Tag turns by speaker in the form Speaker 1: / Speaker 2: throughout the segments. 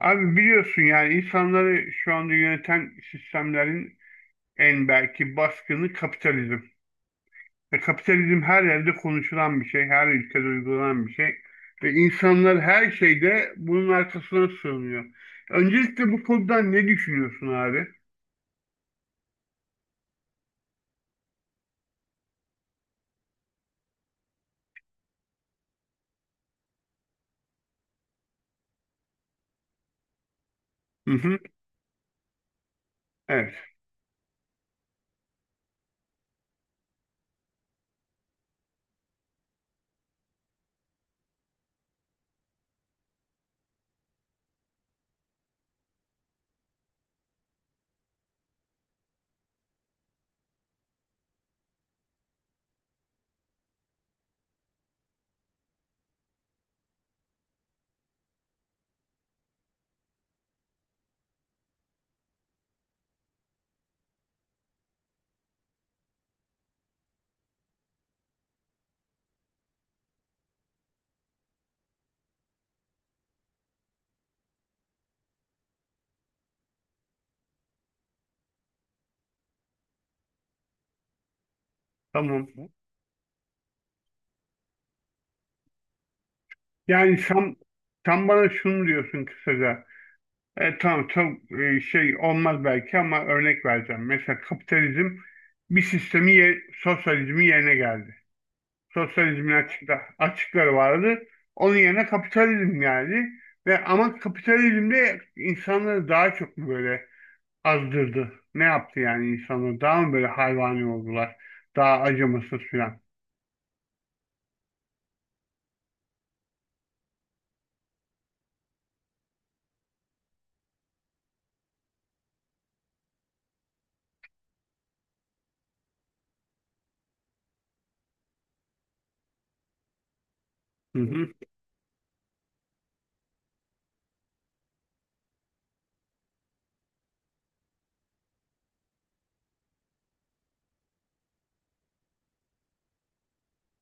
Speaker 1: Abi biliyorsun yani insanları şu anda yöneten sistemlerin en belki baskını kapitalizm. Ve kapitalizm her yerde konuşulan bir şey, her ülkede uygulanan bir şey. Ve insanlar her şeyde bunun arkasına sığınıyor. Öncelikle bu konuda ne düşünüyorsun abi? Hı hı. Evet, tamam. Yani sen bana şunu diyorsun kısaca. Tamam çok şey olmaz belki ama örnek vereceğim. Mesela kapitalizm bir sistemi, sosyalizmi yerine geldi. Sosyalizmin açıkları vardı. Onun yerine kapitalizm geldi. Ve ama kapitalizm de insanları daha çok mu böyle azdırdı? Ne yaptı yani insanları? Daha mı böyle hayvani oldular? Daha acımasız filan. Hı hı.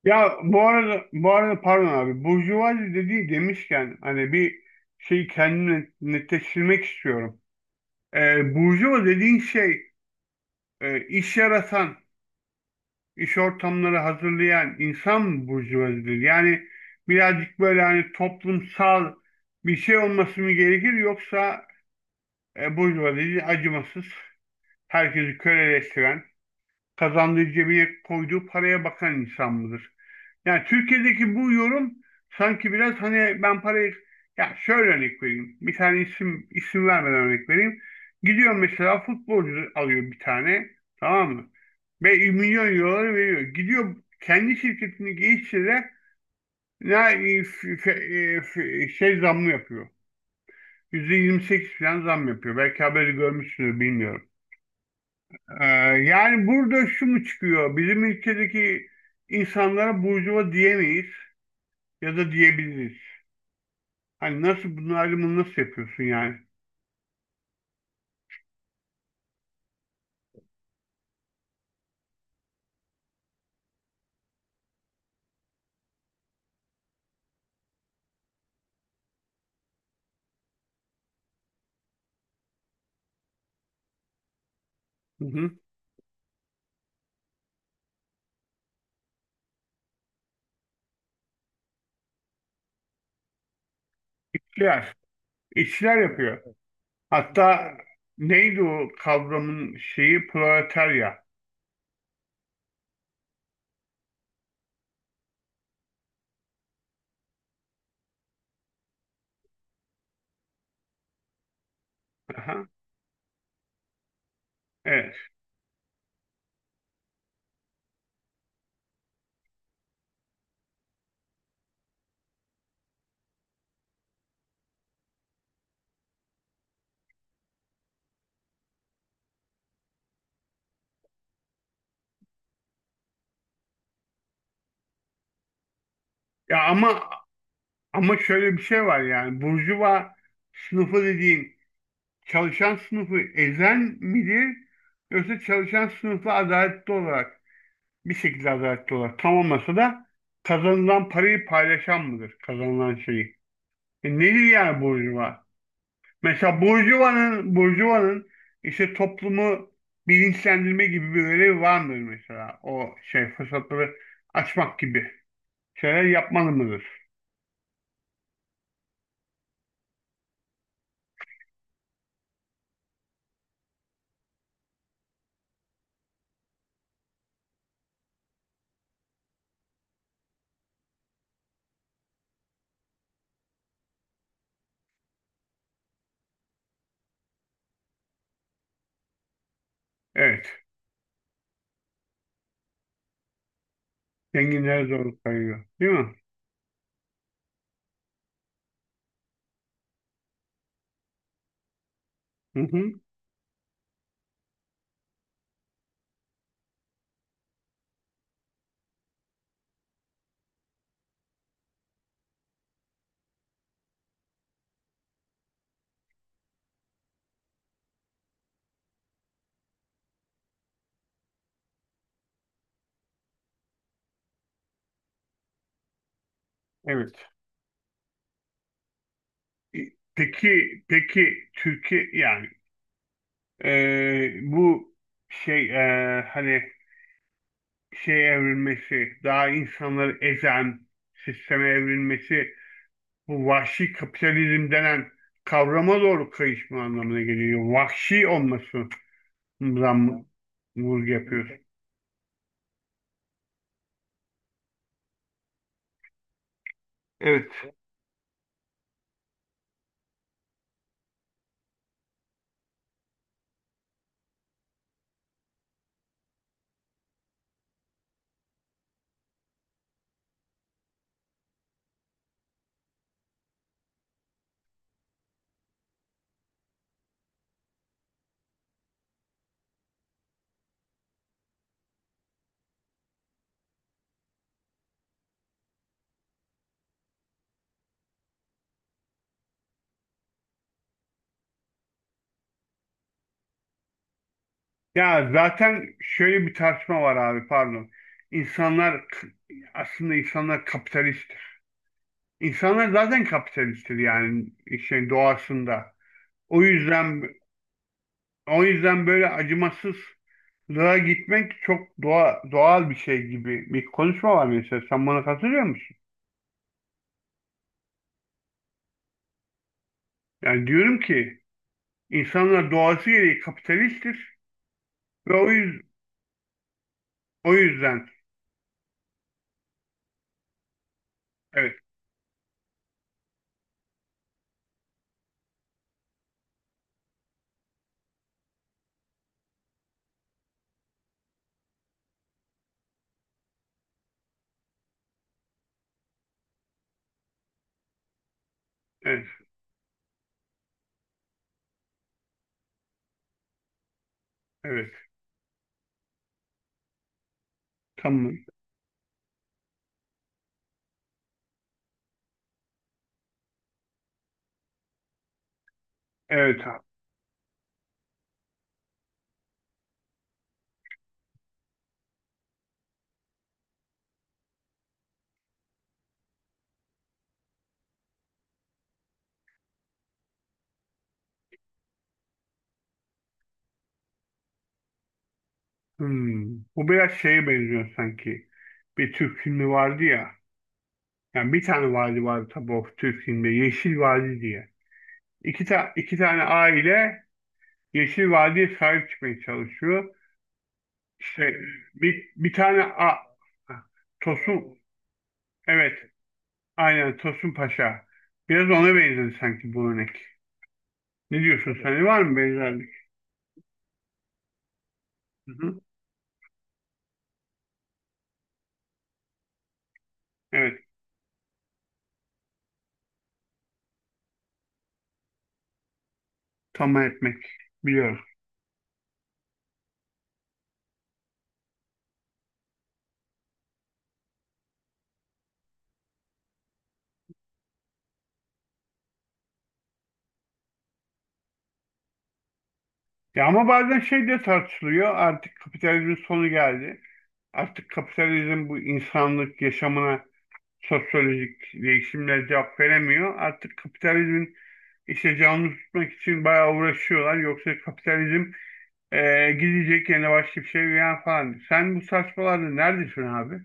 Speaker 1: Ya, bu arada pardon abi, burjuvazi dediği demişken hani bir şey kendimi netleştirmek istiyorum. Burjuva dediğin şey, iş yaratan, iş ortamları hazırlayan insan burjuvazidir. Yani birazcık böyle hani toplumsal bir şey olması mı gerekir, yoksa burjuvazi acımasız, herkesi köleleştiren, kazandığı cebine koyduğu paraya bakan insan mıdır? Yani Türkiye'deki bu yorum sanki biraz hani ben parayı, ya şöyle örnek vereyim. Bir tane isim vermeden örnek vereyim. Gidiyor mesela futbolcu alıyor bir tane, tamam mı? Ve milyon euroları veriyor. Gidiyor kendi şirketini geliştire de ne şey, zamlı yapıyor. %28 falan zam yapıyor. Belki haberi görmüşsünüz, bilmiyorum. Ee, Yani burada şu mu çıkıyor? Bizim ülkedeki insanlara burjuva diyemeyiz ya da diyebiliriz. Hani nasıl, bunun ayrımını nasıl yapıyorsun yani? Hı hı. İşçiler. İşçiler yapıyor. Hatta neydi o kavramın şeyi? Proletarya. Aha, evet. Ya, ama şöyle bir şey var yani. Burjuva sınıfı dediğin çalışan sınıfı ezen midir? Yoksa çalışan sınıfla adaletli olarak, bir şekilde adaletli olarak, tam olmasa da kazanılan parayı paylaşan mıdır? Kazanılan şeyi. E, nedir yani burjuva? Mesela Burjuva'nın işte toplumu bilinçlendirme gibi bir görevi var mıdır mesela? O şey fırsatları açmak gibi şeyler yapmalı mıdır? Evet. Zenginlere zorluk kayıyor, değil mi? Hı hı. Evet. E, peki, Türkiye yani, bu şey, hani şey evrilmesi, daha insanları ezen sisteme evrilmesi, bu vahşi kapitalizm denen kavrama doğru kayışma anlamına geliyor. Vahşi olmasından mı vurgu yapıyorsun? Evet. Ya, zaten şöyle bir tartışma var abi, pardon. İnsanlar, aslında insanlar kapitalisttir. İnsanlar zaten kapitalisttir, yani şey, doğasında. O yüzden o yüzden böyle acımasızlığa gitmek çok doğal bir şey gibi bir konuşma var mesela. Sen bana katılıyor musun? Yani diyorum ki, İnsanlar doğası gereği kapitalisttir ve o yüzden. Evet, evet, evet, tamam, evet abi. Hmm. Bu biraz şeye benziyor sanki. Bir Türk filmi vardı ya. Yani bir tane vadi vardı tabii, o Türk filmde Yeşil Vadi diye. İki tane aile Yeşil Vadi'ye sahip çıkmaya çalışıyor. İşte bir tane. Tosun, evet, aynen Tosun Paşa. Biraz ona benziyor sanki bu örnek. Ne diyorsun sen? Var mı benzerlik? Hı hı. Evet, tamam etmek biliyorum. Ya ama bazen şey de tartışılıyor. Artık kapitalizmin sonu geldi. Artık kapitalizm bu insanlık yaşamına sosyolojik değişimle cevap veremiyor. Artık kapitalizmin işte canlı tutmak için bayağı uğraşıyorlar. Yoksa kapitalizm gidecek, yerine başka bir şey veya falan. Sen bu saçmalarda neredesin abi?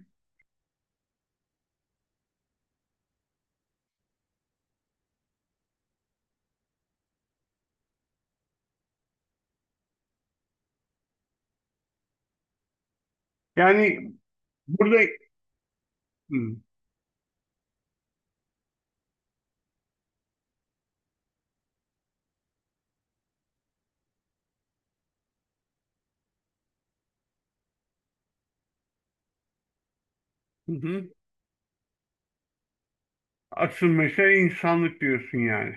Speaker 1: Yani burada. Hı hı. Hı. Asıl mesele insanlık diyorsun yani.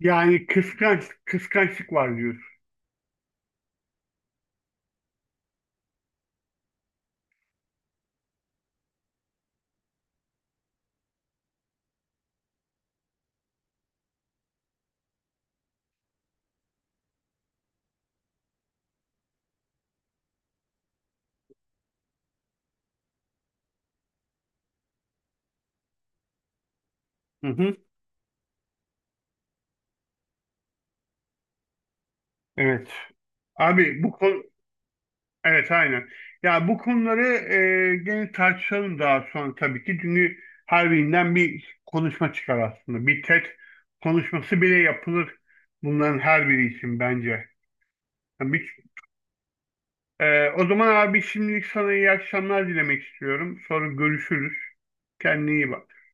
Speaker 1: Yani kıskançlık var diyorsun. Hı hı, evet. Abi bu konu, evet aynen. Ya, bu konuları gene tartışalım daha sonra tabii ki. Çünkü her birinden bir konuşma çıkar aslında. Bir TED konuşması bile yapılır bunların her biri için bence. Yani bir- o zaman abi şimdilik sana iyi akşamlar dilemek istiyorum. Sonra görüşürüz. Kendine iyi bak.